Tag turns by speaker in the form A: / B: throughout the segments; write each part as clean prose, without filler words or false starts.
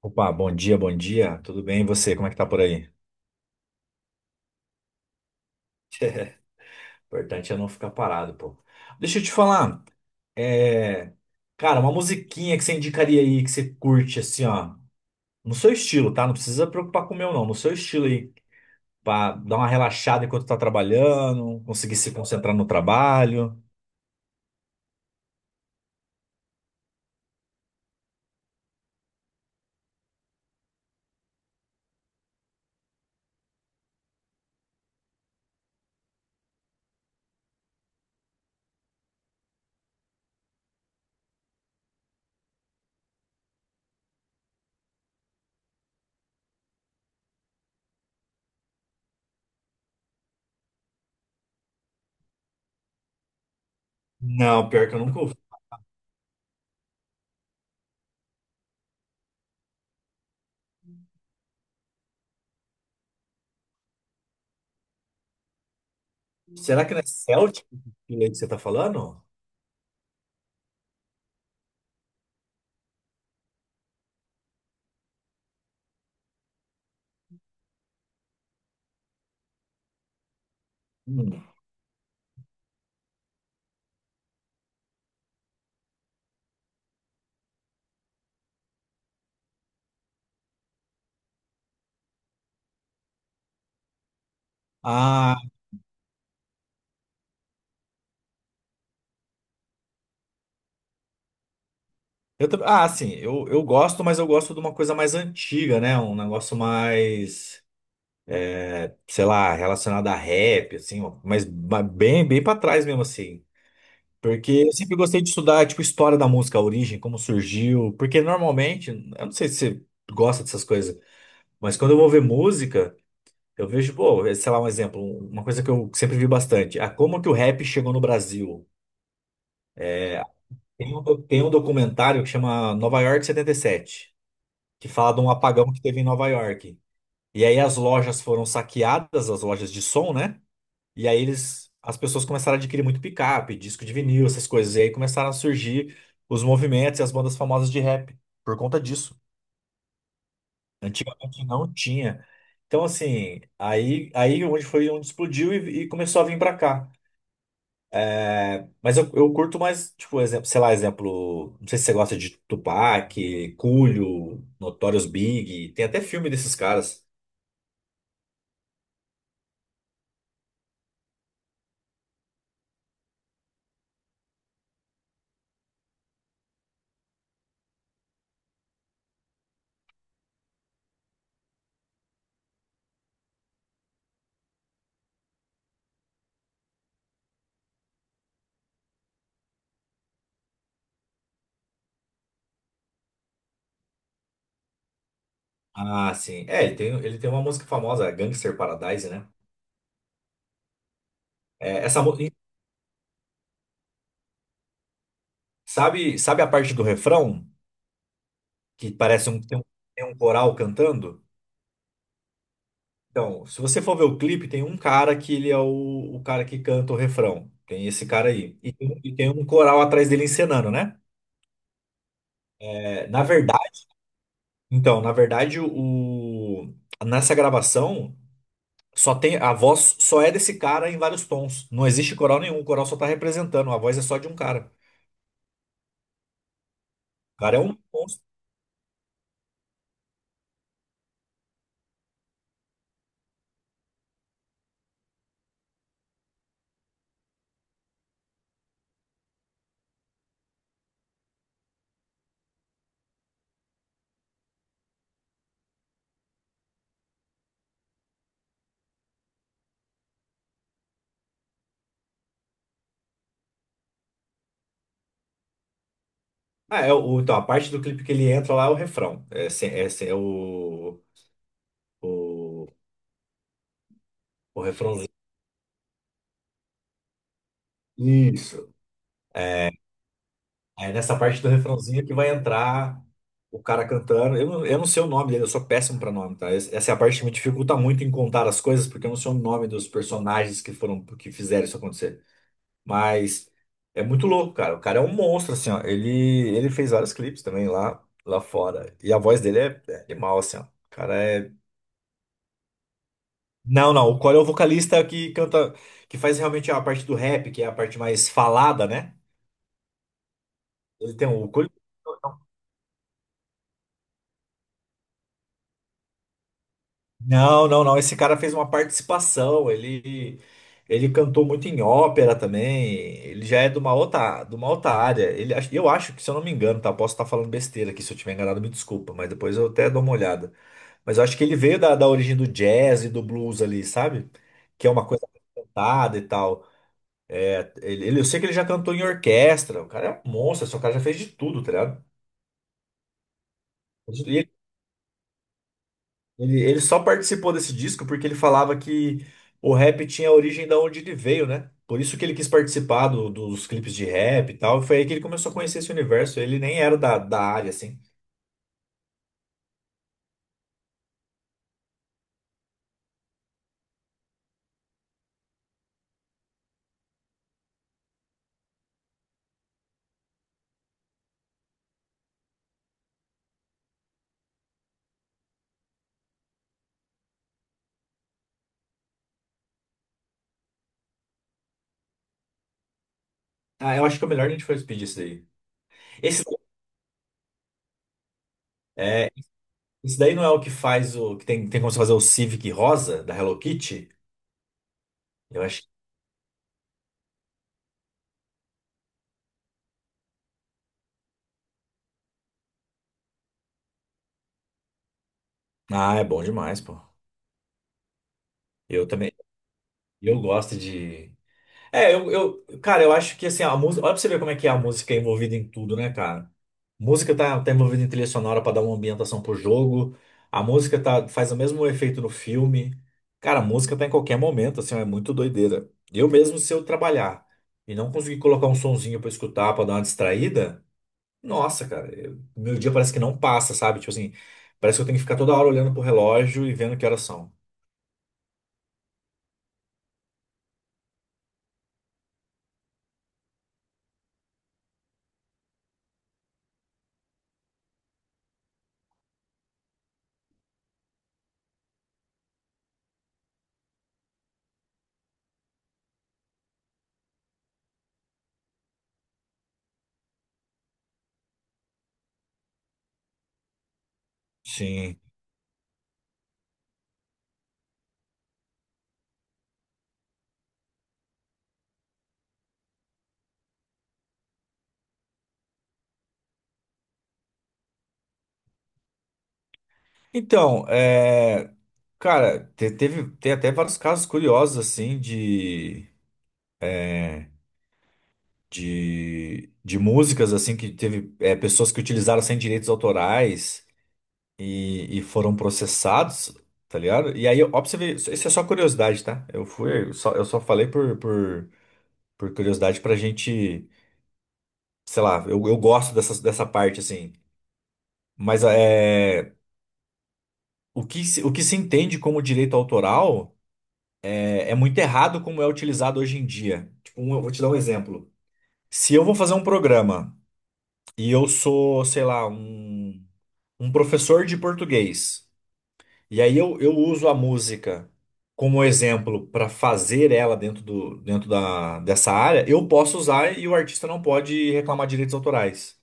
A: Opa, bom dia, bom dia. Tudo bem? E você? Como é que tá por aí? Importante é não ficar parado, pô. Deixa eu te falar. É... Cara, uma musiquinha que você indicaria aí, que você curte, assim, ó. No seu estilo, tá? Não precisa preocupar com o meu, não. No seu estilo aí. Pra dar uma relaxada enquanto tá trabalhando, conseguir se concentrar no trabalho. Não, pior que eu nunca ouvi. Será que não é Celtic esse estilo aí que você tá falando? Hum. Ah, eu também. Ah, assim, eu gosto, mas eu gosto de uma coisa mais antiga, né? Um negócio mais, sei lá, relacionado a rap, assim, ó, mas bem, bem para trás mesmo, assim. Porque eu sempre gostei de estudar, tipo, história da música, a origem, como surgiu. Porque normalmente, eu não sei se você gosta dessas coisas, mas quando eu vou ver música, eu vejo, pô, é, sei lá, um exemplo, uma coisa que eu sempre vi bastante. Ah, como que o rap chegou no Brasil? Tem um, tem um documentário que chama Nova York 77, que fala de um apagão que teve em Nova York. E aí as lojas foram saqueadas, as lojas de som, né? E aí eles, as pessoas começaram a adquirir muito picape, disco de vinil, essas coisas. E aí começaram a surgir os movimentos e as bandas famosas de rap por conta disso. Antigamente não tinha. Então, assim, aí, aí onde foi onde explodiu e começou a vir pra cá. É, mas eu curto mais, tipo, exemplo, sei lá, exemplo, não sei se você gosta de Tupac, Coolio, Notorious Big, tem até filme desses caras. Ah, sim. É, ele tem uma música famosa, é Gangster Paradise, né? É, essa, sabe, sabe a parte do refrão? Que parece um, tem um, tem um coral cantando? Então, se você for ver o clipe, tem um cara que ele é o cara que canta o refrão. Tem esse cara aí. E tem um, e tem um coral atrás dele encenando, né? É, na verdade, então, na verdade, o, nessa gravação, só tem, a voz só é desse cara em vários tons. Não existe coral nenhum, o coral só tá representando, a voz é só de um cara. O cara é um monstro. Ah, é, o, então, a parte do clipe que ele entra lá é o refrão. É, é, é o, o- o refrãozinho. Isso. É nessa parte do refrãozinho que vai entrar o cara cantando. Eu não sei o nome dele, eu sou péssimo pra nome, tá? Essa é a parte que me dificulta muito em contar as coisas, porque eu não sei o nome dos personagens que foram, que fizeram isso acontecer. Mas é muito louco, cara. O cara é um monstro, assim, ó. Ele fez vários clipes também lá, lá fora. E a voz dele é, é animal, assim, ó. O cara é. Não, não. O Corey é o vocalista que canta, que faz realmente a parte do rap, que é a parte mais falada, né? Ele tem o. Não, não, não. Esse cara fez uma participação. Ele cantou muito em ópera também. Ele já é de uma outra área. Ele, eu acho que, se eu não me engano, tá? Posso estar falando besteira aqui. Se eu tiver enganado, me desculpa. Mas depois eu até dou uma olhada. Mas eu acho que ele veio da, da origem do jazz e do blues ali, sabe? Que é uma coisa cantada e tal. É, ele, eu sei que ele já cantou em orquestra. O cara é um monstro. Esse cara já fez de tudo, tá ligado? E ele só participou desse disco porque ele falava que o rap tinha a origem da onde ele veio, né? Por isso que ele quis participar dos clipes de rap e tal. Foi aí que ele começou a conhecer esse universo. Ele nem era da, da área, assim. Ah, eu acho que é o melhor a gente for pedir isso daí. Esse, é, esse daí não é o que faz o. Que tem, tem como você fazer o Civic rosa da Hello Kitty? Eu acho. Ah, é bom demais, pô. Eu também. Eu gosto de. É, eu, cara, eu acho que assim, a música. Olha pra você ver como é que é a música envolvida em tudo, né, cara? Música tá, tá envolvida em trilha sonora pra dar uma ambientação pro jogo. A música tá, faz o mesmo efeito no filme. Cara, a música tá em qualquer momento, assim, é muito doideira. Eu mesmo, se eu trabalhar e não conseguir colocar um sonzinho pra escutar, pra dar uma distraída, nossa, cara, meu dia parece que não passa, sabe? Tipo assim, parece que eu tenho que ficar toda hora olhando pro relógio e vendo que horas são. Sim. Então, é. Cara, teve, tem até vários casos curiosos, assim, de músicas, assim, que teve é, pessoas que utilizaram sem direitos autorais e foram processados, tá ligado? E aí, ó, pra você ver, isso isso é só curiosidade, tá? Eu fui, eu só falei por curiosidade pra gente, sei lá, eu gosto dessa, dessa parte, assim. Mas é, o que, o que se entende como direito autoral é, é muito errado como é utilizado hoje em dia. Tipo, eu vou te dar um exemplo. Se eu vou fazer um programa e eu sou, sei lá, um professor de português, e aí eu uso a música como exemplo para fazer ela dentro do, dentro da, dessa área, eu posso usar e o artista não pode reclamar direitos autorais.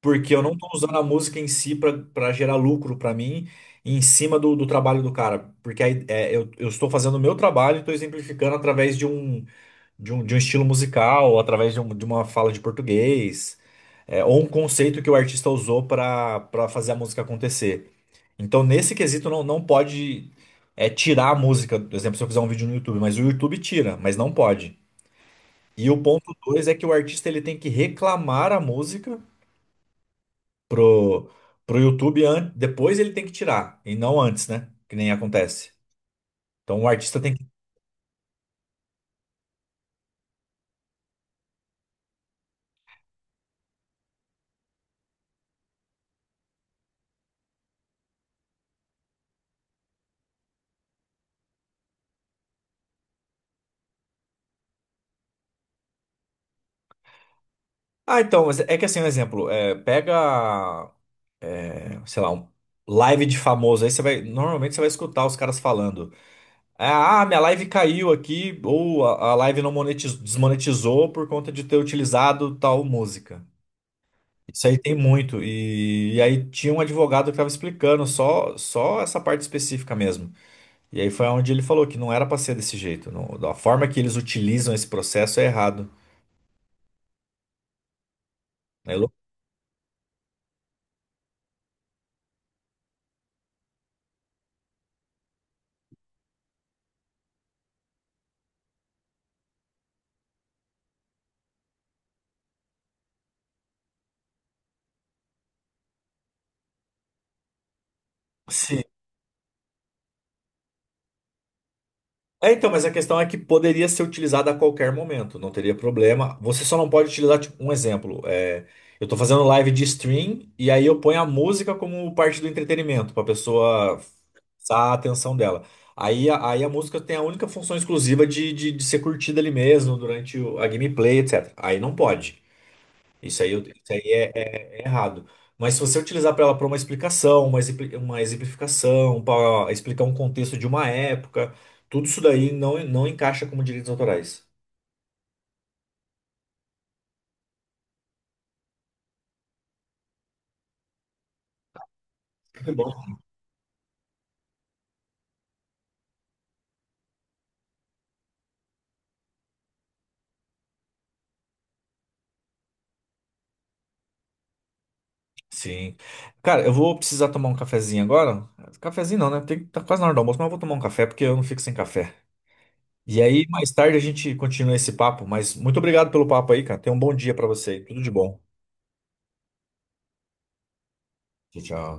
A: Porque eu não estou usando a música em si para gerar lucro para mim em cima do, do trabalho do cara. Porque aí, é, eu estou fazendo o meu trabalho e estou exemplificando através de um, de um, de um estilo musical, através de, de uma fala de português é, ou um conceito que o artista usou para para fazer a música acontecer. Então, nesse quesito, não, não pode é, tirar a música. Por exemplo, se eu fizer um vídeo no YouTube, mas o YouTube tira, mas não pode. E o ponto 2 é que o artista ele tem que reclamar a música pro, pro YouTube, depois ele tem que tirar, e não antes, né? Que nem acontece. Então o artista tem que. Ah, então, mas é que assim, um exemplo, é, pega, é, sei lá, um live de famoso, aí você vai. Normalmente você vai escutar os caras falando. É, ah, minha live caiu aqui, ou a live não monetizou, desmonetizou por conta de ter utilizado tal música. Isso aí tem muito. E aí tinha um advogado que estava explicando só essa parte específica mesmo. E aí foi onde ele falou que não era para ser desse jeito. Não, a forma que eles utilizam esse processo é errado. Né? É louco. É, então, mas a questão é que poderia ser utilizada a qualquer momento, não teria problema. Você só não pode utilizar, tipo, um exemplo, é, eu tô fazendo live de stream e aí eu ponho a música como parte do entretenimento, pra pessoa fixar a atenção dela. Aí, aí a música tem a única função exclusiva de ser curtida ali mesmo, durante a gameplay, etc. Aí não pode. Isso aí, isso aí é, é errado. Mas se você utilizar para ela para uma explicação, uma, uma exemplificação, para explicar um contexto de uma época, tudo isso daí não, não encaixa como direitos autorais. Muito bom. Sim. Cara, eu vou precisar tomar um cafezinho agora. Cafezinho não, né? Tem, tá quase na hora do almoço, mas eu vou tomar um café porque eu não fico sem café. E aí, mais tarde a gente continua esse papo, mas muito obrigado pelo papo aí, cara. Tenha um bom dia para você aí. Tudo de bom. Tchau, tchau.